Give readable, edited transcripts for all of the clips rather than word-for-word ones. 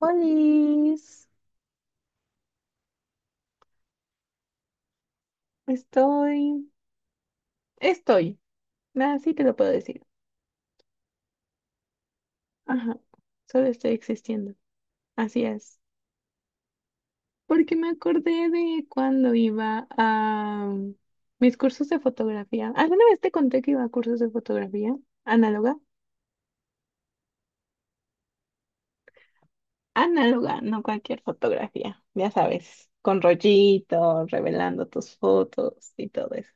Olis, estoy, estoy, así te lo puedo decir. Ajá, solo estoy existiendo. Así es. Porque me acordé de cuando iba a mis cursos de fotografía. ¿Alguna vez te conté que iba a cursos de fotografía? ¿Análoga? Análoga, no cualquier fotografía, ya sabes, con rollito, revelando tus fotos y todo eso.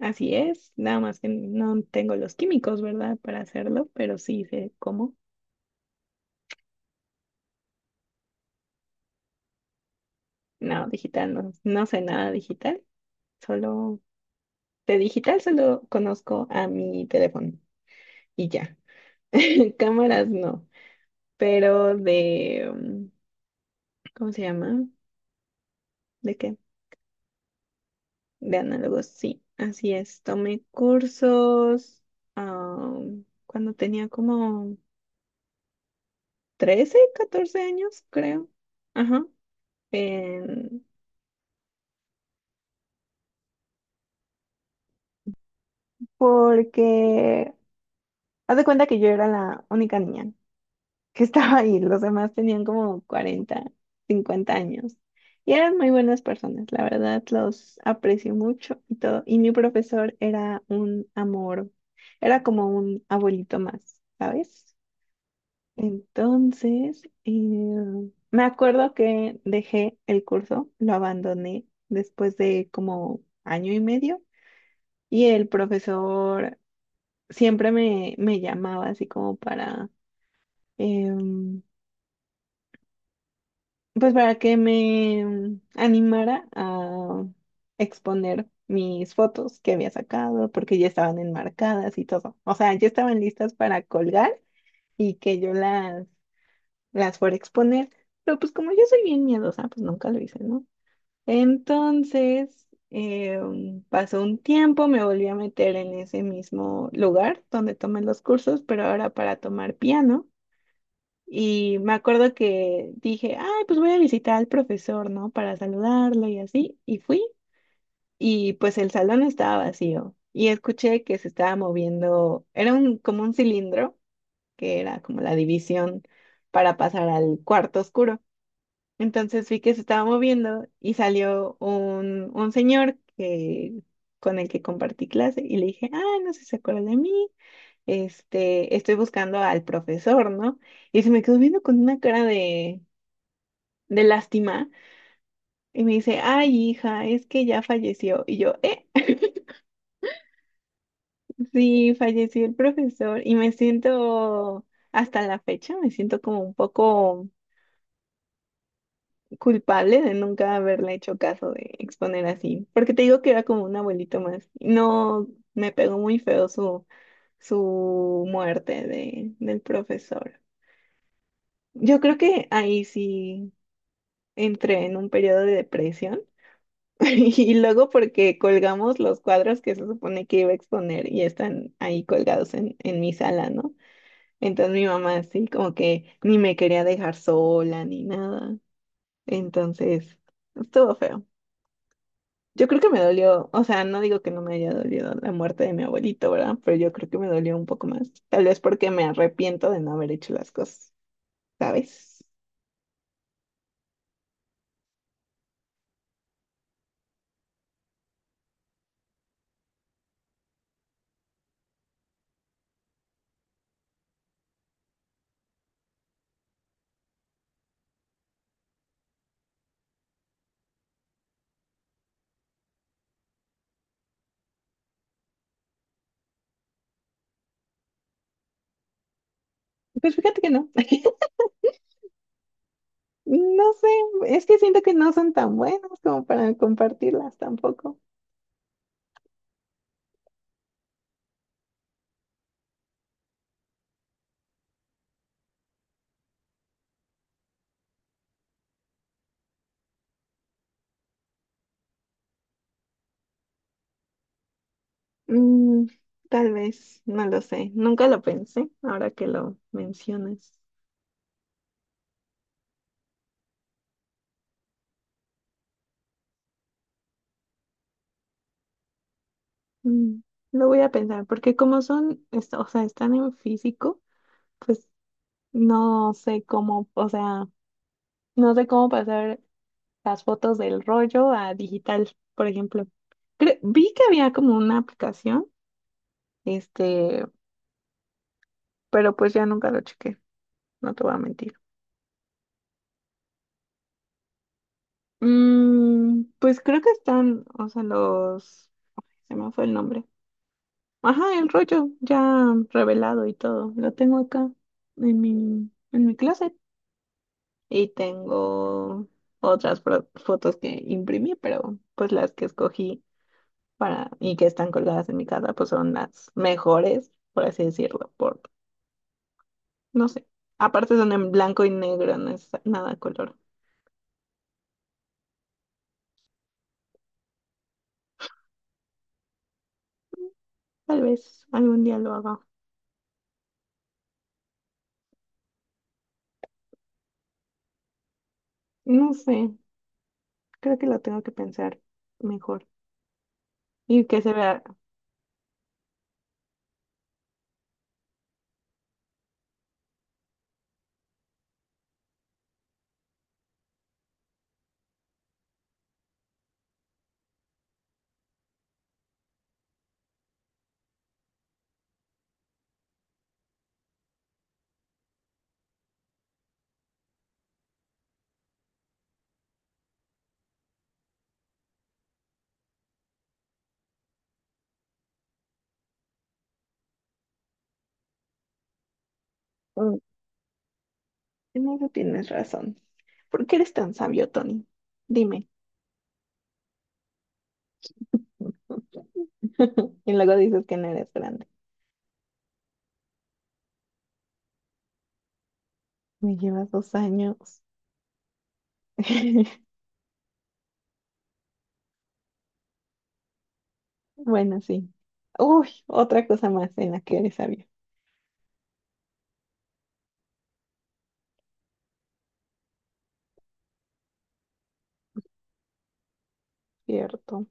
Así es, nada más que no tengo los químicos, ¿verdad? Para hacerlo, pero sí sé cómo. No, digital no, no sé nada digital, solo de digital solo conozco a mi teléfono y ya. Cámaras no, pero ¿cómo se llama? ¿De qué? De análogos, sí, así es. Tomé cursos ah, cuando tenía como 13 14 años, creo. Ajá. en- Porque haz de cuenta que yo era la única niña que estaba ahí. Los demás tenían como 40 50 años. Y eran muy buenas personas, la verdad, los aprecio mucho y todo. Y mi profesor era un amor, era como un abuelito más, ¿sabes? Entonces, me acuerdo que dejé el curso, lo abandoné después de como año y medio y el profesor siempre me, me llamaba así como para, em, pues para que me animara a exponer mis fotos que había sacado, porque ya estaban enmarcadas y todo. O sea, ya estaban listas para colgar y que yo las fuera a exponer. Pero pues como yo soy bien miedosa, pues nunca lo hice, ¿no? Entonces, pasó un tiempo, me volví a meter en ese mismo lugar donde tomé los cursos, pero ahora para tomar piano. Y me acuerdo que dije, ay, pues voy a visitar al profesor, ¿no? Para saludarlo y así. Y fui y pues el salón estaba vacío. Y escuché que se estaba moviendo, era como un cilindro, que era como la división para pasar al cuarto oscuro. Entonces vi que se estaba moviendo y salió un señor que, con el que compartí clase y le dije, ay, no sé si se acuerda de mí, este, estoy buscando al profesor, ¿no? Y se me quedó viendo con una cara de lástima y me dice, ay, hija, es que ya falleció. Y yo, sí, falleció el profesor y me siento, hasta la fecha, me siento como un poco culpable de nunca haberle hecho caso de exponer así, porque te digo que era como un abuelito más. No, me pegó muy feo su muerte del profesor. Yo creo que ahí sí entré en un periodo de depresión. Y luego porque colgamos los cuadros que se supone que iba a exponer y están ahí colgados en mi sala, ¿no? Entonces mi mamá así como que ni me quería dejar sola ni nada. Entonces, estuvo feo. Yo creo que me dolió, o sea, no digo que no me haya dolido la muerte de mi abuelito, ¿verdad? Pero yo creo que me dolió un poco más. Tal vez porque me arrepiento de no haber hecho las cosas, ¿sabes? Pues fíjate que no. No sé, es que siento que no son tan buenas como para compartirlas tampoco. Mm, tal vez, no lo sé. Nunca lo pensé, ahora que lo mencionas. Mm, lo voy a pensar, porque como son, o sea, están en físico, pues no sé cómo, o sea, no sé cómo pasar las fotos del rollo a digital, por ejemplo. Vi que había como una aplicación, este, pero pues ya nunca lo chequé, no te voy a mentir. Mm, pues creo que están, o sea, se me fue el nombre. Ajá, el rollo ya revelado y todo. Lo tengo acá en mi closet. Y tengo otras fotos que imprimí, pero pues las que escogí para y que están colgadas en mi casa, pues son las mejores, por así decirlo, por, no sé. Aparte son en blanco y negro, no es nada a color. Tal vez algún día lo haga. No sé, creo que lo tengo que pensar mejor y que se vea. Mm, en eso tienes razón. ¿Por qué eres tan sabio, Tony? Dime. Y luego dices que no eres grande. Me llevas 2 años. Bueno, sí. Uy, otra cosa más en la que eres sabio, cierto.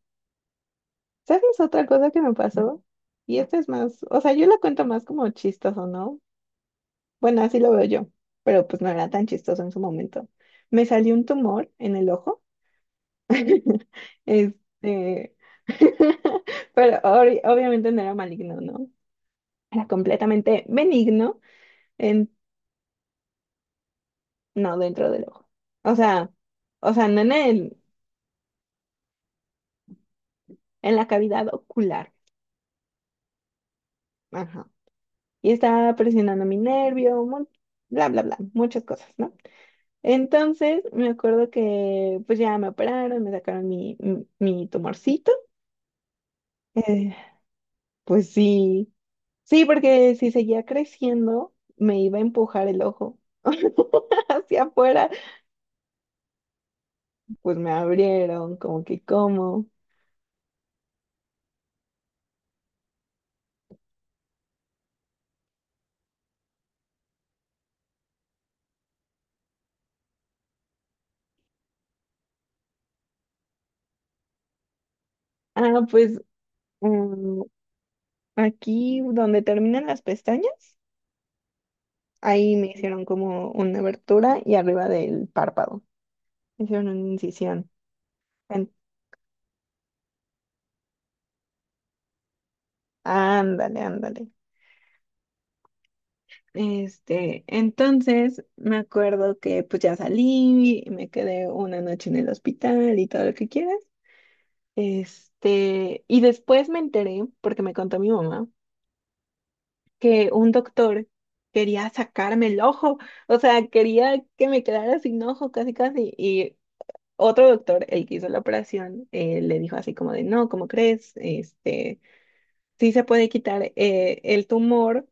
¿Sabes otra cosa que me pasó? Y esta es más, o sea, yo la cuento más como chistoso, ¿no? Bueno, así lo veo yo, pero pues no era tan chistoso en su momento. Me salió un tumor en el ojo. Este, pero obviamente no era maligno, ¿no? Era completamente benigno. En, no, dentro del ojo. O sea, o sea, no en en la cavidad ocular. Ajá. Y estaba presionando mi nervio, bla, bla, bla, muchas cosas, ¿no? Entonces, me acuerdo que pues ya me operaron, me sacaron mi tumorcito. Eh, pues sí, sí, porque si seguía creciendo, me iba a empujar el ojo hacia afuera. Pues me abrieron, como que, ¿cómo? Ah, pues mm, aquí donde terminan las pestañas, ahí me hicieron como una abertura y arriba del párpado me hicieron una incisión. En- Ándale, ándale. Este, entonces me acuerdo que pues ya salí, me quedé una noche en el hospital y todo lo que quieras. Este, y después me enteré, porque me contó mi mamá, que un doctor quería sacarme el ojo, o sea, quería que me quedara sin ojo, casi, casi, y otro doctor, el que hizo la operación, le dijo así como de, no, ¿cómo crees? Este, sí se puede quitar el tumor,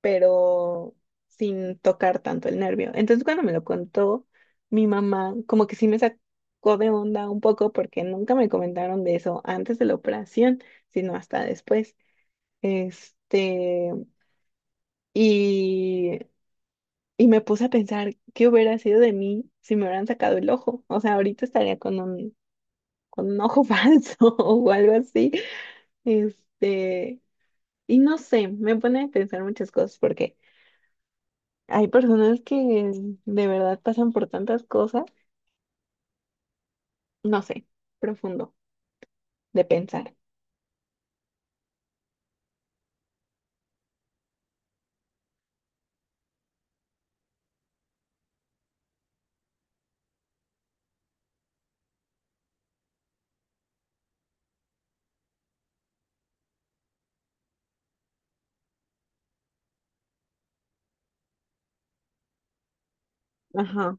pero sin tocar tanto el nervio. Entonces, cuando me lo contó mi mamá, como que sí me sacó de onda un poco porque nunca me comentaron de eso antes de la operación, sino hasta después. Este, y, y me puse a pensar qué hubiera sido de mí si me hubieran sacado el ojo. O sea, ahorita estaría con un ojo falso o algo así. Este, y no sé, me pone a pensar muchas cosas porque hay personas que de verdad pasan por tantas cosas, no sé, profundo de pensar. Ajá,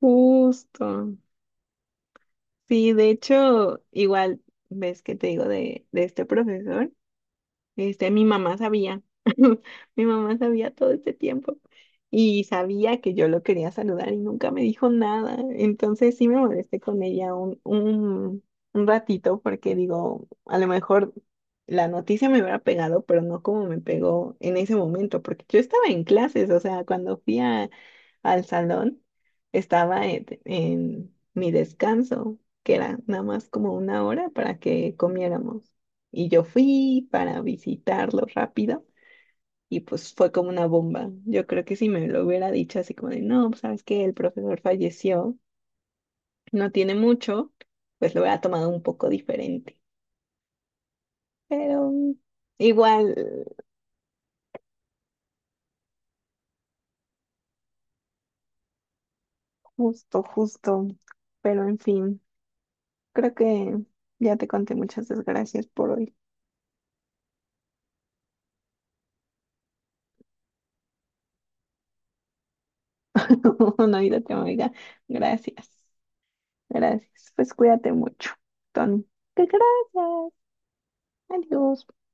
justo. Sí, de hecho, igual ves que te digo de este profesor. Este, mi mamá sabía, mi mamá sabía todo este tiempo y sabía que yo lo quería saludar y nunca me dijo nada. Entonces sí me molesté con ella un ratito porque digo, a lo mejor la noticia me hubiera pegado, pero no como me pegó en ese momento, porque yo estaba en clases, o sea, cuando fui al salón, estaba en mi descanso, que era nada más como una hora para que comiéramos. Y yo fui para visitarlo rápido y pues fue como una bomba. Yo creo que si me lo hubiera dicho así como de, no, pues, sabes que el profesor falleció, no tiene mucho, pues lo hubiera tomado un poco diferente. Pero igual, justo, justo. Pero en fin, creo que ya te conté muchas desgracias por hoy. No, Navidad, amiga. Gracias, gracias. Pues cuídate mucho, Tony. Que gracias. Adiós.